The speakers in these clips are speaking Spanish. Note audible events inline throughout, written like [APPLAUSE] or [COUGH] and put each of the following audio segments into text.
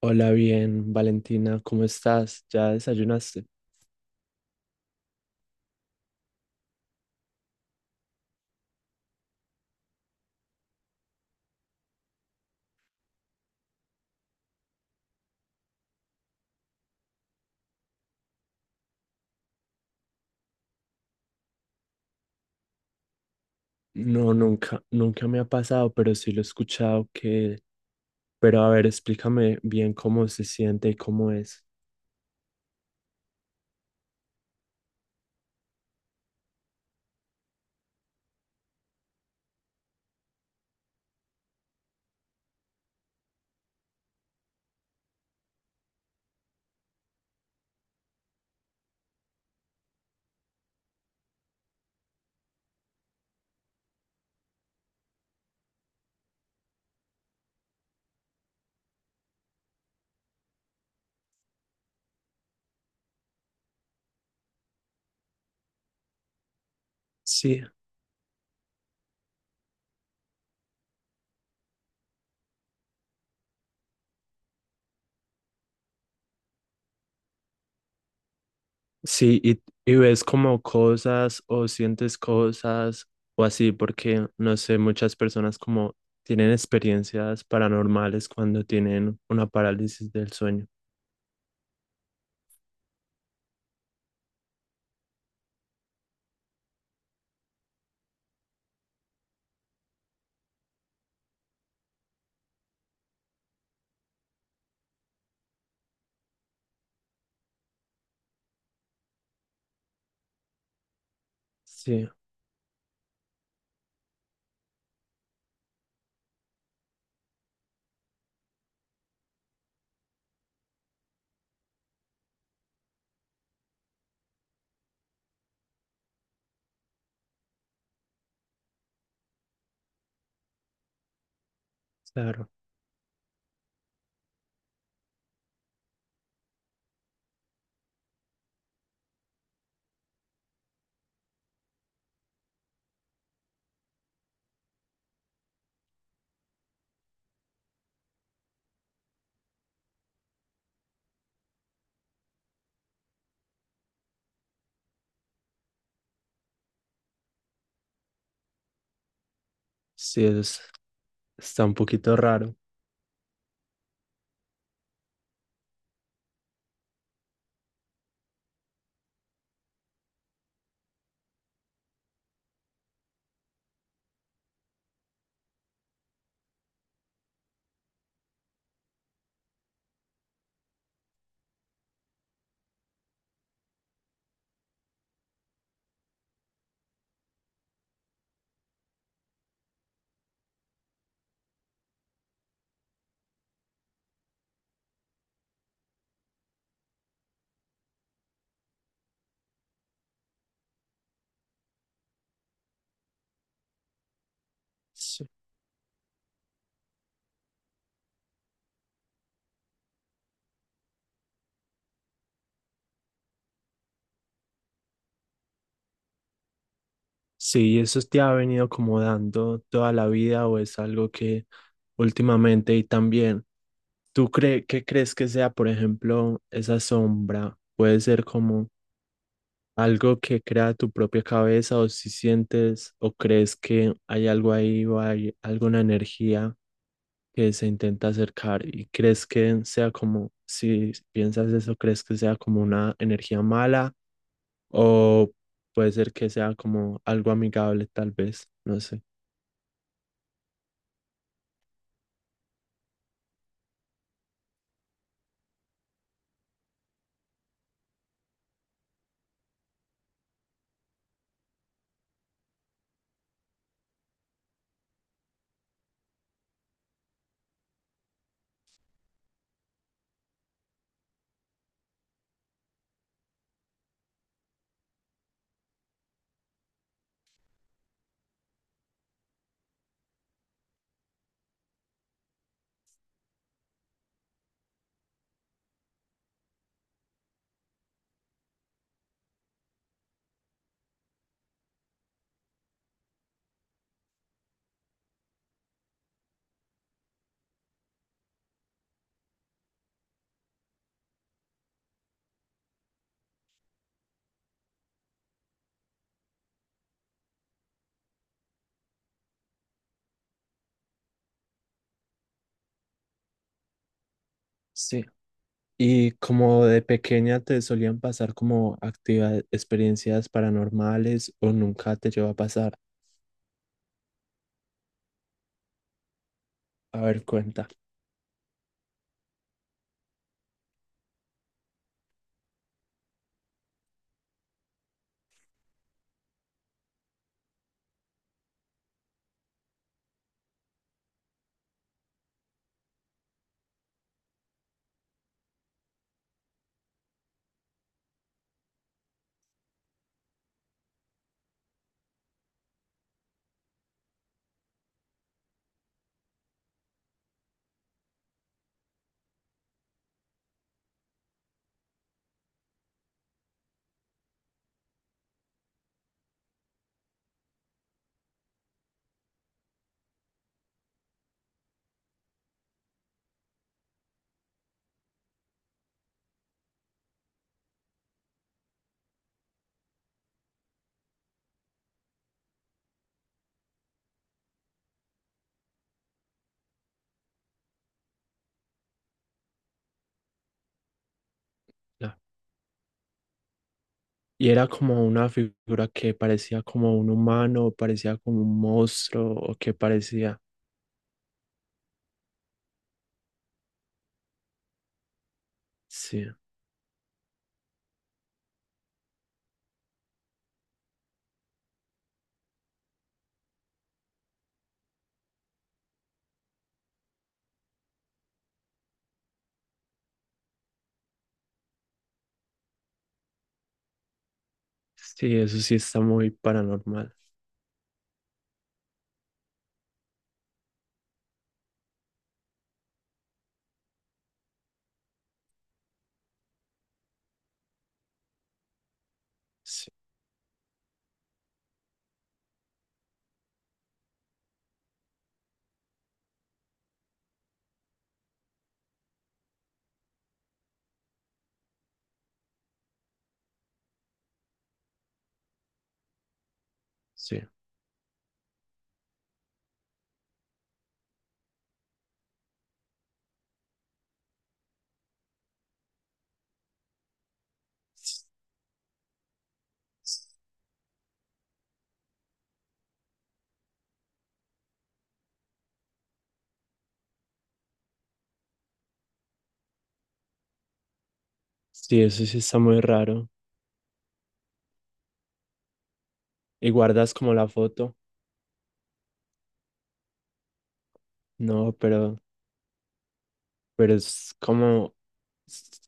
Hola, bien, Valentina, ¿cómo estás? ¿Ya desayunaste? No, nunca me ha pasado, pero sí lo he escuchado que... Pero a ver, explícame bien cómo se siente y cómo es. Sí, sí, y ves como cosas o sientes cosas o así, porque no sé, muchas personas como tienen experiencias paranormales cuando tienen una parálisis del sueño. Sí, claro. Sí, eso es- está un poquito raro. Sí. Sí, ¿eso te ha venido como dando toda la vida o es algo que últimamente y también, ¿tú cre qué crees que sea, por ejemplo, esa sombra? ¿Puede ser como algo que crea tu propia cabeza o si sientes o crees que hay algo ahí o hay alguna energía que se intenta acercar y crees que sea como, si piensas eso, crees que sea como una energía mala o puede ser que sea como algo amigable tal vez, no sé. Sí, y como de pequeña te solían pasar como actividades, experiencias paranormales o nunca te llegó a pasar, a ver, cuenta. No. Y era como una figura que parecía como un humano, parecía como un monstruo o que parecía. Sí, sí, eso sí está muy paranormal. Sí, sí, sí, eso sí está muy raro. ¿Y guardas como la foto? No, pero es como s-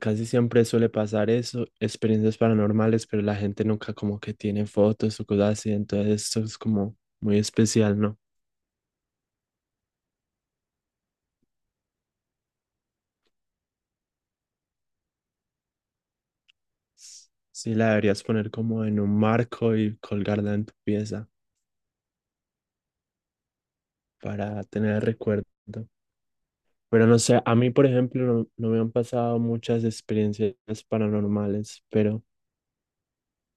casi siempre suele pasar eso, experiencias paranormales, pero la gente nunca como que tiene fotos o cosas así, entonces eso es como muy especial, ¿no? S- Sí, la deberías poner como en un marco y colgarla en tu pieza para tener el recuerdo. Pero no sé, a mí, por ejemplo, no me han pasado muchas experiencias paranormales, pero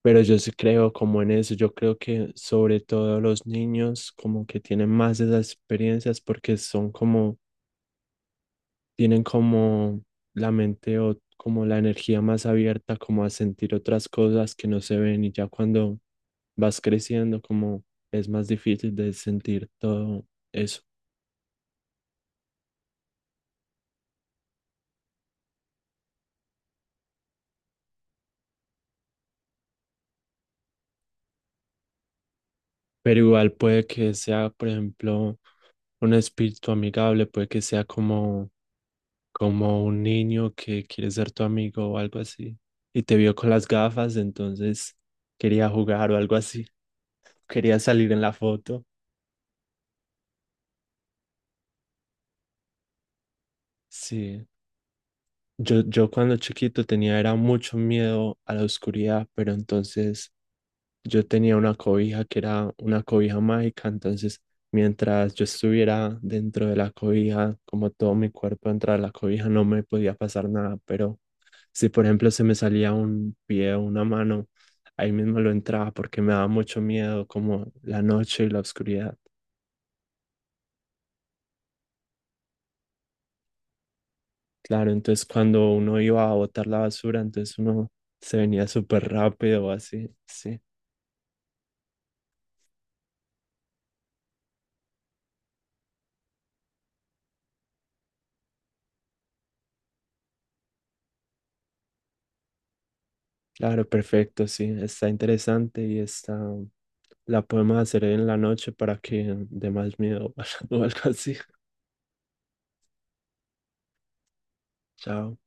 Pero yo sí creo como en eso, yo creo que sobre todo los niños como que tienen más de esas experiencias porque son como, tienen como la mente o como la energía más abierta como a sentir otras cosas que no se ven y ya cuando vas creciendo como es más difícil de sentir todo eso. Pero igual puede que sea, por ejemplo, un espíritu amigable, puede que sea como como un niño que quiere ser tu amigo o algo así, y te vio con las gafas, entonces quería jugar o algo así, quería salir en la foto. Sí, yo cuando chiquito tenía era mucho miedo a la oscuridad, pero entonces yo tenía una cobija que era una cobija mágica, entonces mientras yo estuviera dentro de la cobija, como todo mi cuerpo dentro de la cobija, no me podía pasar nada, pero si por ejemplo se me salía un pie o una mano, ahí mismo lo entraba porque me daba mucho miedo como la noche y la oscuridad. Claro, entonces cuando uno iba a botar la basura, entonces uno se venía súper rápido así, sí. Claro, perfecto, sí, está interesante y está. La podemos hacer en la noche para que dé más miedo [LAUGHS] o algo así. Chao.